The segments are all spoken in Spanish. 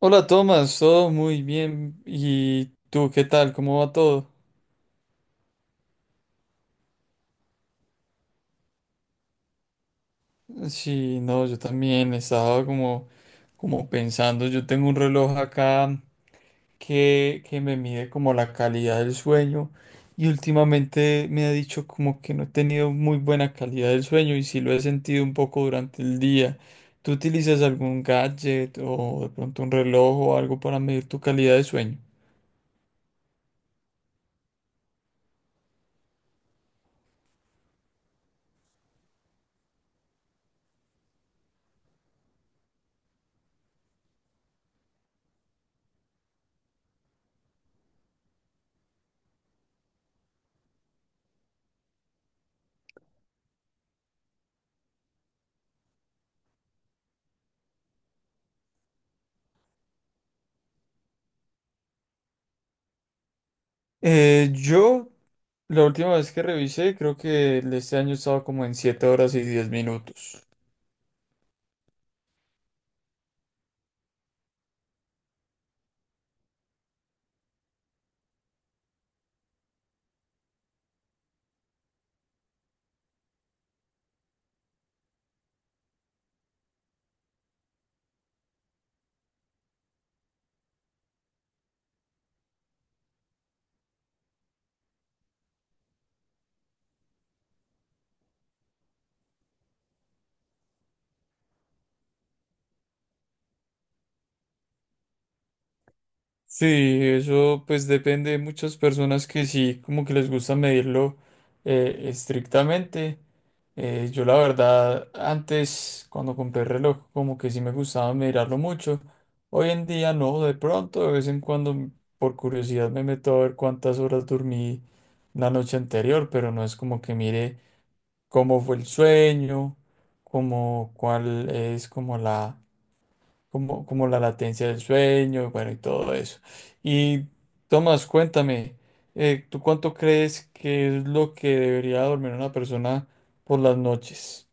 Hola Tomás, todo muy bien. ¿Y tú qué tal? ¿Cómo va todo? Sí, no, yo también estaba como, como pensando, yo tengo un reloj acá que me mide como la calidad del sueño y últimamente me ha dicho como que no he tenido muy buena calidad del sueño y sí lo he sentido un poco durante el día. ¿Tú utilizas algún gadget o de pronto un reloj o algo para medir tu calidad de sueño? Yo la última vez que revisé, creo que este año estaba como en 7 horas y 10 minutos. Sí, eso pues depende de muchas personas que sí, como que les gusta medirlo estrictamente. Yo la verdad, antes cuando compré el reloj, como que sí me gustaba mirarlo mucho. Hoy en día no, de pronto, de vez en cuando, por curiosidad me meto a ver cuántas horas dormí la noche anterior, pero no es como que mire cómo fue el sueño, cómo, cuál es como la, como, como la latencia del sueño, bueno, y todo eso. Y Tomás, cuéntame, ¿tú cuánto crees que es lo que debería dormir una persona por las noches?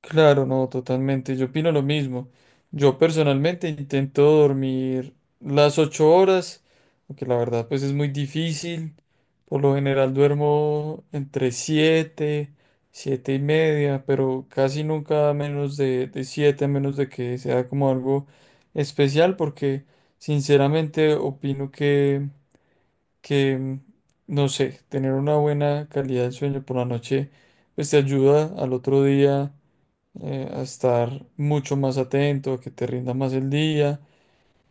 Claro, no, totalmente. Yo opino lo mismo. Yo personalmente intento dormir las 8 horas, aunque la verdad pues es muy difícil. Por lo general duermo entre siete, siete y media, pero casi nunca menos de siete, a menos de que sea como algo especial, porque sinceramente opino que, no sé, tener una buena calidad de sueño por la noche pues te ayuda al otro día a estar mucho más atento, a que te rinda más el día.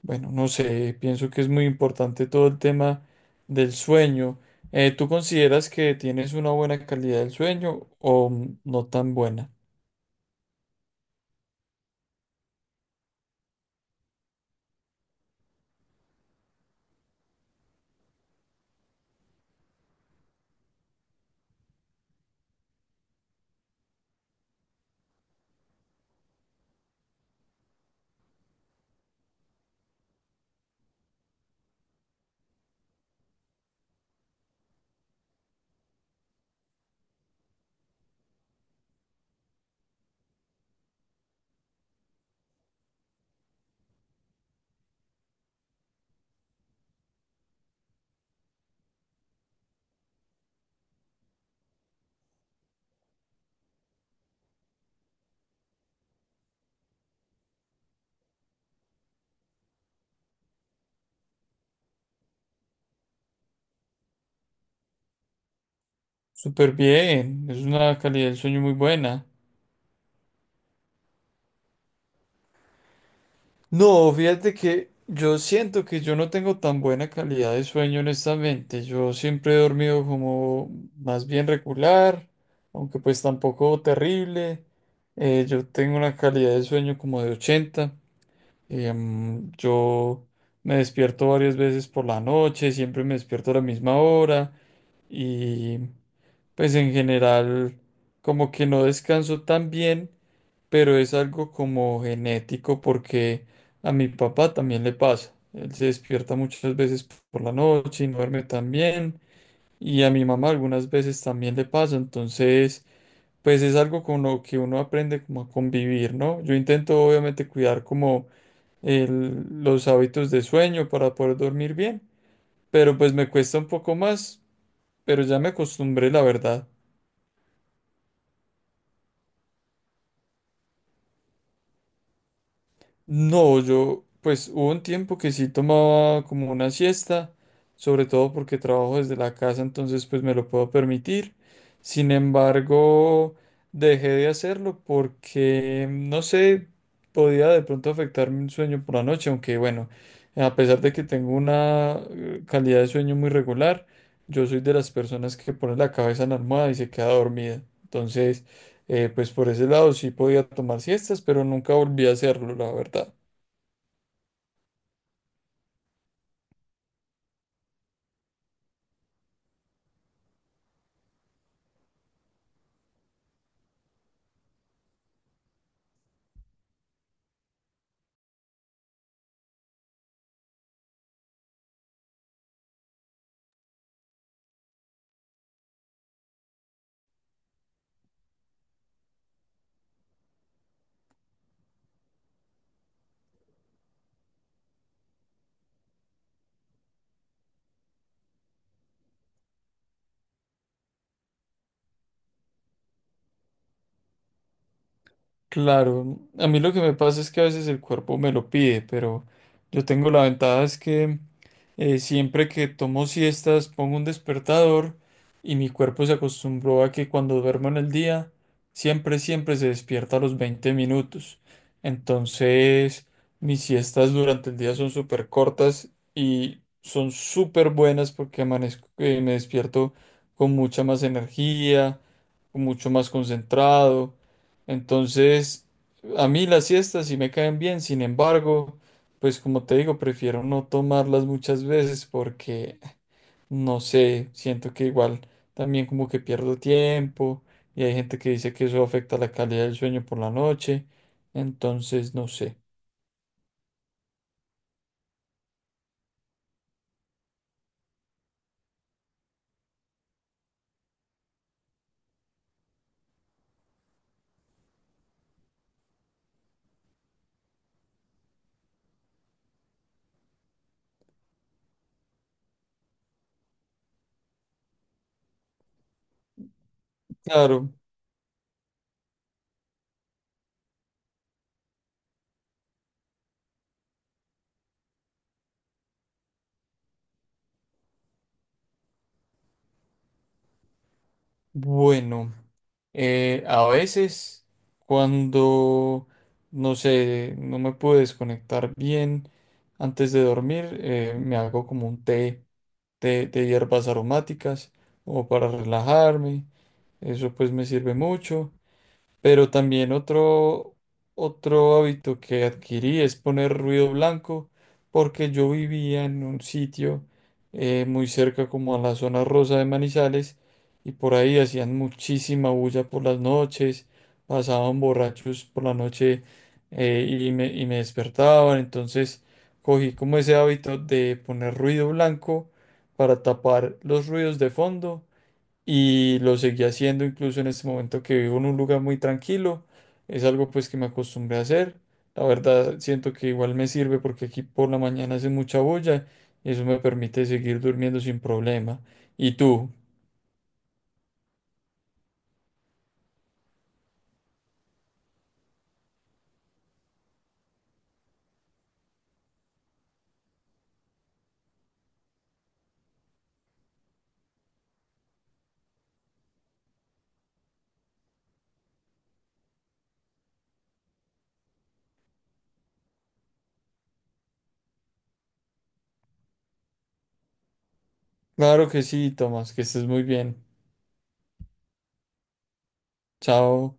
Bueno, no sé, pienso que es muy importante todo el tema del sueño. ¿Tú consideras que tienes una buena calidad del sueño o no tan buena? Súper bien, es una calidad del sueño muy buena. No, fíjate que yo siento que yo no tengo tan buena calidad de sueño, honestamente. Yo siempre he dormido como más bien regular, aunque pues tampoco terrible. Yo tengo una calidad de sueño como de 80. Yo me despierto varias veces por la noche, siempre me despierto a la misma hora y pues en general como que no descanso tan bien, pero es algo como genético porque a mi papá también le pasa. Él se despierta muchas veces por la noche y no duerme tan bien. Y a mi mamá algunas veces también le pasa. Entonces, pues es algo con lo que uno aprende como a convivir, ¿no? Yo intento obviamente cuidar como los hábitos de sueño para poder dormir bien, pero pues me cuesta un poco más, pero ya me acostumbré, la verdad. No, yo, pues hubo un tiempo que sí tomaba como una siesta, sobre todo porque trabajo desde la casa, entonces pues me lo puedo permitir. Sin embargo, dejé de hacerlo porque, no sé, podía de pronto afectarme un sueño por la noche, aunque bueno, a pesar de que tengo una calidad de sueño muy regular, yo soy de las personas que pone la cabeza en la almohada y se queda dormida. Entonces pues por ese lado sí podía tomar siestas, pero nunca volví a hacerlo, la verdad. Claro, a mí lo que me pasa es que a veces el cuerpo me lo pide, pero yo tengo la ventaja es que siempre que tomo siestas pongo un despertador y mi cuerpo se acostumbró a que cuando duermo en el día siempre, siempre se despierta a los 20 minutos. Entonces mis siestas durante el día son súper cortas y son súper buenas porque amanezco, me despierto con mucha más energía, mucho más concentrado. Entonces, a mí las siestas sí me caen bien, sin embargo, pues como te digo, prefiero no tomarlas muchas veces porque, no sé, siento que igual también como que pierdo tiempo y hay gente que dice que eso afecta la calidad del sueño por la noche, entonces no sé. Claro, bueno, a veces cuando, no sé, no me pude desconectar bien antes de dormir, me hago como un té de hierbas aromáticas como para relajarme. Eso pues me sirve mucho. Pero también otro hábito que adquirí es poner ruido blanco, porque yo vivía en un sitio muy cerca como a la zona rosa de Manizales y por ahí hacían muchísima bulla por las noches, pasaban borrachos por la noche y me despertaban, entonces cogí como ese hábito de poner ruido blanco para tapar los ruidos de fondo y lo seguí haciendo incluso en este momento que vivo en un lugar muy tranquilo. Es algo pues que me acostumbré a hacer. La verdad siento que igual me sirve porque aquí por la mañana hace mucha bulla y eso me permite seguir durmiendo sin problema. ¿Y tú? Claro que sí, Tomás, que estés muy bien. Chao.